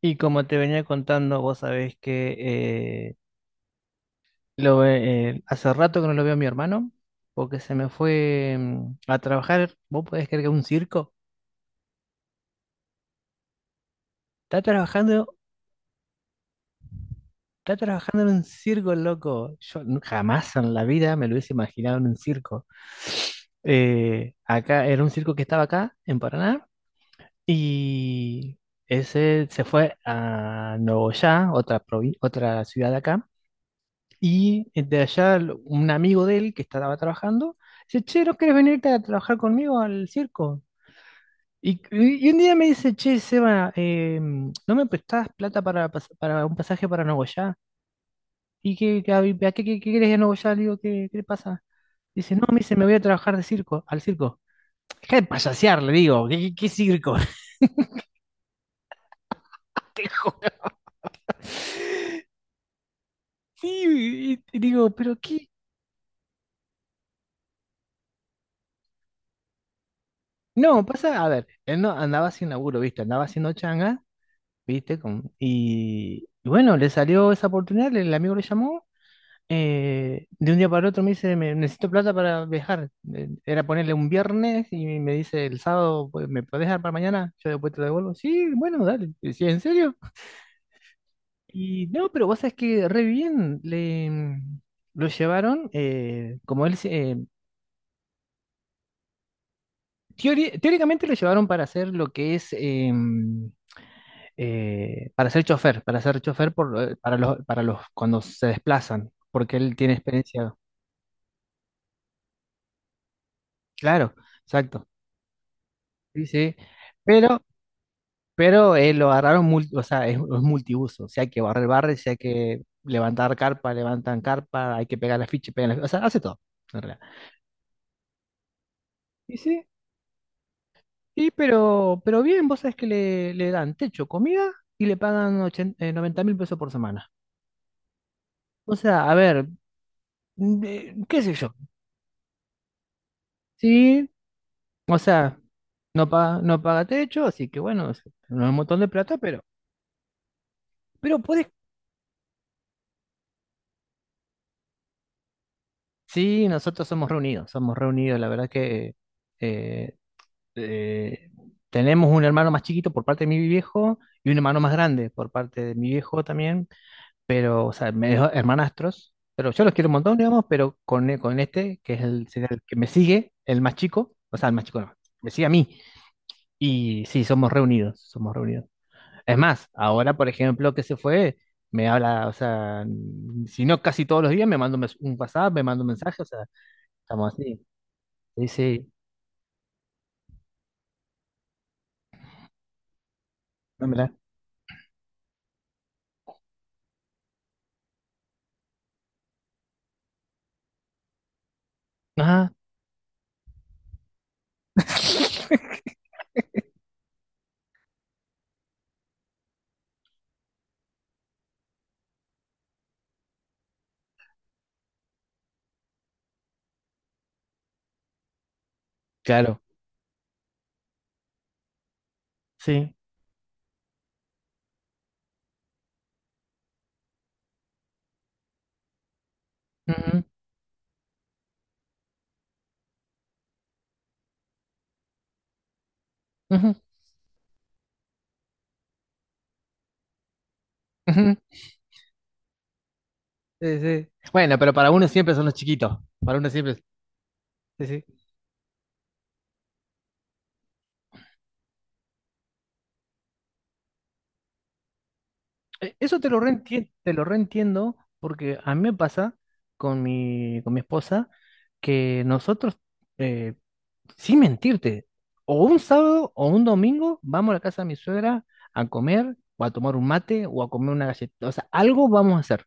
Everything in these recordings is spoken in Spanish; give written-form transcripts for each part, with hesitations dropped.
Y como te venía contando, vos sabés que eh, hace rato que no lo veo a mi hermano, porque se me fue a trabajar. ¿Vos podés creer que a un circo? Está trabajando, está trabajando en un circo, loco. Yo jamás en la vida me lo hubiese imaginado en un circo. Acá era un circo que estaba acá, en Paraná, y ese se fue a Nogoyá, otra ciudad de acá. Y de allá, un amigo de él que estaba trabajando, dice, che, ¿no querés venirte a trabajar conmigo al circo? Y un día me dice, che, Seba, ¿no me prestás plata para un pasaje para Nogoyá? ¿Y a qué querés ir a Nogoyá? Le digo, ¿qué le pasa? Dice, no, me dice, me voy a trabajar de circo, al circo. Deja de payasear, le digo, ¿qué circo? Te juro. Sí, y digo, ¿pero qué? No, pasa, a ver, él no andaba sin laburo, ¿viste? Andaba haciendo changa. ¿Viste? Y bueno, le salió esa oportunidad, el amigo le llamó, de un día para el otro me dice, Necesito plata para viajar". Era ponerle un viernes y me dice, el sábado, pues, ¿me podés dar para mañana? Yo después te lo devuelvo. Sí, bueno, dale. Sí, ¿en serio? Y no, pero vos sabés que re bien, lo llevaron, como él, teóricamente lo llevaron para hacer lo que es para ser chofer para los cuando se desplazan, porque él tiene experiencia. Claro, exacto. Sí, sí. Pero, pero, lo agarraron, o sea, es multiuso. Si hay que barrer, barre, si hay que levantar carpa, levantan carpa, hay que pegar la ficha, pegan la ficha, o sea, hace todo, en realidad. Y sí, y pero bien, vos sabés que le le dan techo, comida y le pagan 80 90 mil pesos por semana. O sea, a ver, qué sé yo. Sí, o sea. No paga techo, así que bueno, no es un montón de plata, pero puedes. Sí, nosotros somos reunidos, somos reunidos. La verdad que eh, eh, tenemos un hermano más chiquito por parte de mi viejo y un hermano más grande por parte de mi viejo también, pero, o sea, medio hermanastros. Pero yo los quiero un montón, digamos, pero con este, que es el, sería el que me sigue, el más chico, o sea, el más chico no, me sigue a mí. Y sí, somos reunidos, somos reunidos. Es más, ahora, por ejemplo, que se fue, me habla, o sea, si no casi todos los días, me manda un WhatsApp, me manda un mensaje, o sea, estamos así. Sí, sí, dámela. Ajá, claro, sí. Ujú, ujú, ujú. Sí, sí. Bueno, pero para uno siempre son los chiquitos, para uno siempre. Sí, sí. Eso te lo reentiendo porque a mí me pasa con mi esposa, que nosotros, sin mentirte, o un sábado o un domingo vamos a la casa de mi suegra a comer o a tomar un mate o a comer una galleta. O sea, algo vamos a hacer.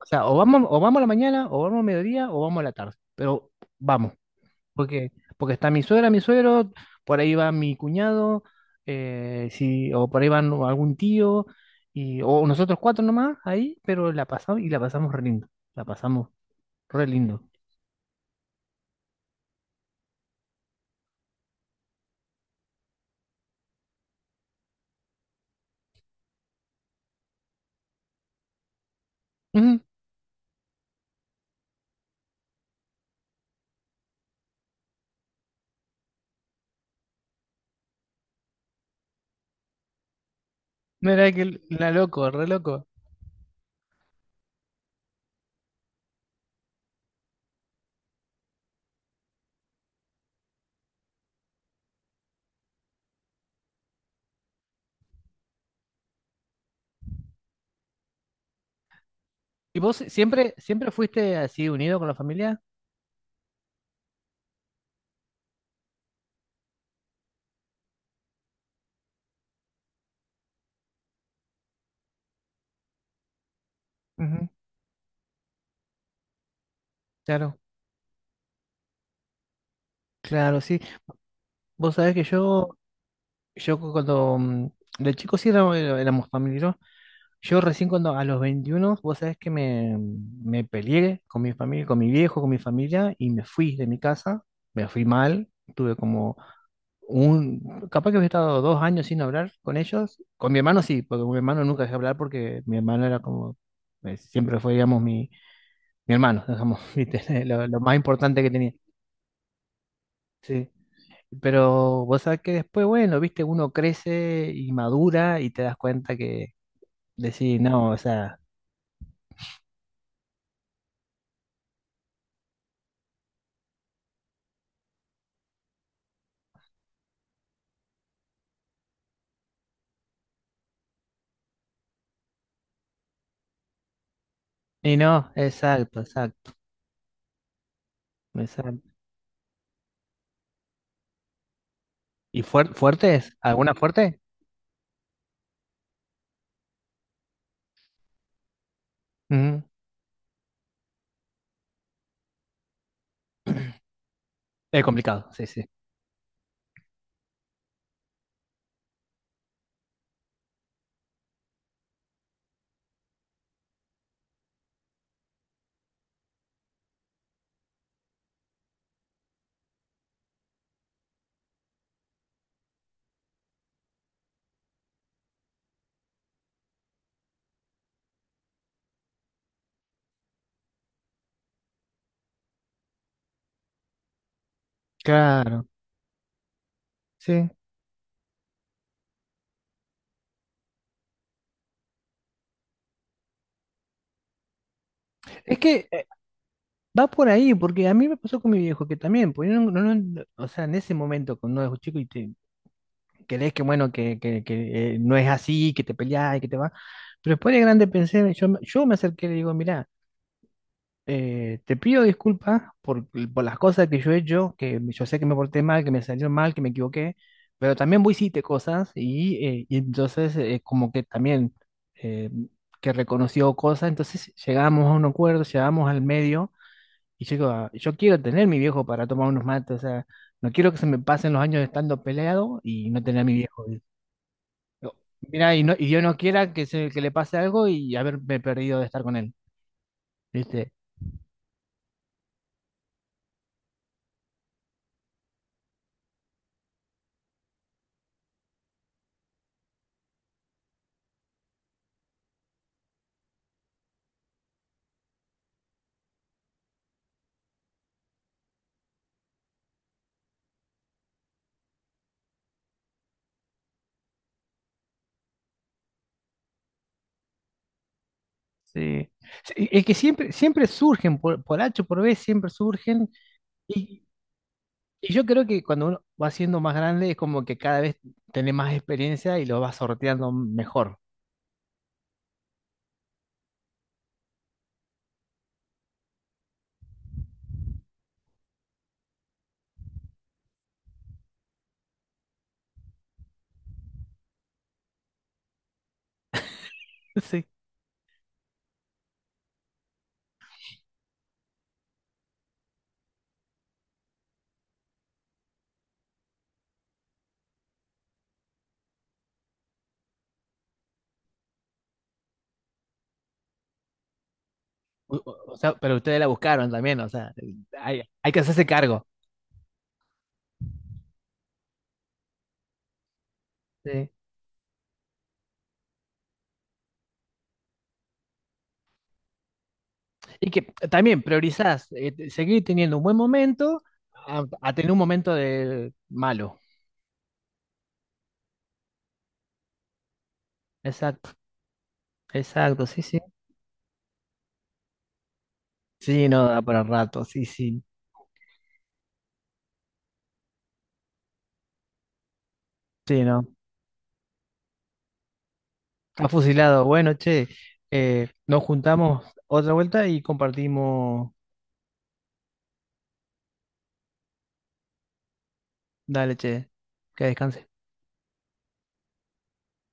O sea, o vamos a la mañana, o vamos a mediodía, o vamos a la tarde. Pero vamos, porque porque está mi suegra, mi suegro, por ahí va mi cuñado, o por ahí va algún tío, y, o nosotros cuatro nomás ahí, pero la pasamos y la pasamos re lindo. La pasamos re lindo. Ujú. Mira que la loco, re loco. ¿Y vos si, siempre, siempre fuiste así unido con la familia? Ujú. Claro, claro, sí. Vos sabés que yo cuando de chico sí éramos familia, ¿no? Yo recién cuando a los 21, vos sabés que me peleé con mi familia, con mi viejo, con mi familia, y me fui de mi casa, me fui mal, tuve como un, capaz que había estado 2 años sin hablar con ellos, con mi hermano sí, porque con mi hermano nunca dejé hablar porque mi hermano era como, siempre fue, digamos, mi hermano, digamos, ¿viste? Lo más importante que tenía. Sí. Pero vos sabés que después, bueno, viste, uno crece y madura y te das cuenta que decís, no, o sea, y no, exacto, exacto, exacto. ¿Y Fuertes ¿Alguna fuerte? Ujú. Es complicado, sí, sí. Claro, sí. Es que va por ahí, porque a mí me pasó con mi viejo que también, pues yo o sea, en ese momento, cuando uno es chico y te crees que bueno, que no es así, que te peleas y que te va. Pero después de grande pensé, yo, yo me acerqué y le digo, mira, te pido disculpas por las cosas que yo he hecho, que yo sé que me porté mal, que me salió mal, que me equivoqué, pero también vos hiciste cosas y entonces, como que también eh, que reconoció cosas, entonces llegamos a un acuerdo, llegamos al medio y yo digo, "Ah, yo quiero tener mi viejo para tomar unos mates, o sea, no quiero que se me pasen los años estando peleado y no tener a mi viejo". No. Mira, y no, y Dios no quiera que, se, que le pase algo y haberme perdido de estar con él, ¿viste? Sí. Sí, es que siempre, siempre surgen, por H o por B, siempre surgen. Y, y yo creo que cuando uno va siendo más grande es como que cada vez tenés más experiencia y lo vas sorteando mejor. Sí. O o sea, pero ustedes la buscaron también, o sea, hay que hacerse cargo. Sí. Y que también priorizás seguir teniendo un buen momento a tener un momento de malo. Exacto. Exacto, sí, sí. Sí, no, da para rato, sí, sí, sí, no. Ha fusilado. Bueno, che, nos juntamos otra vuelta y compartimos. Dale, che, que descanse.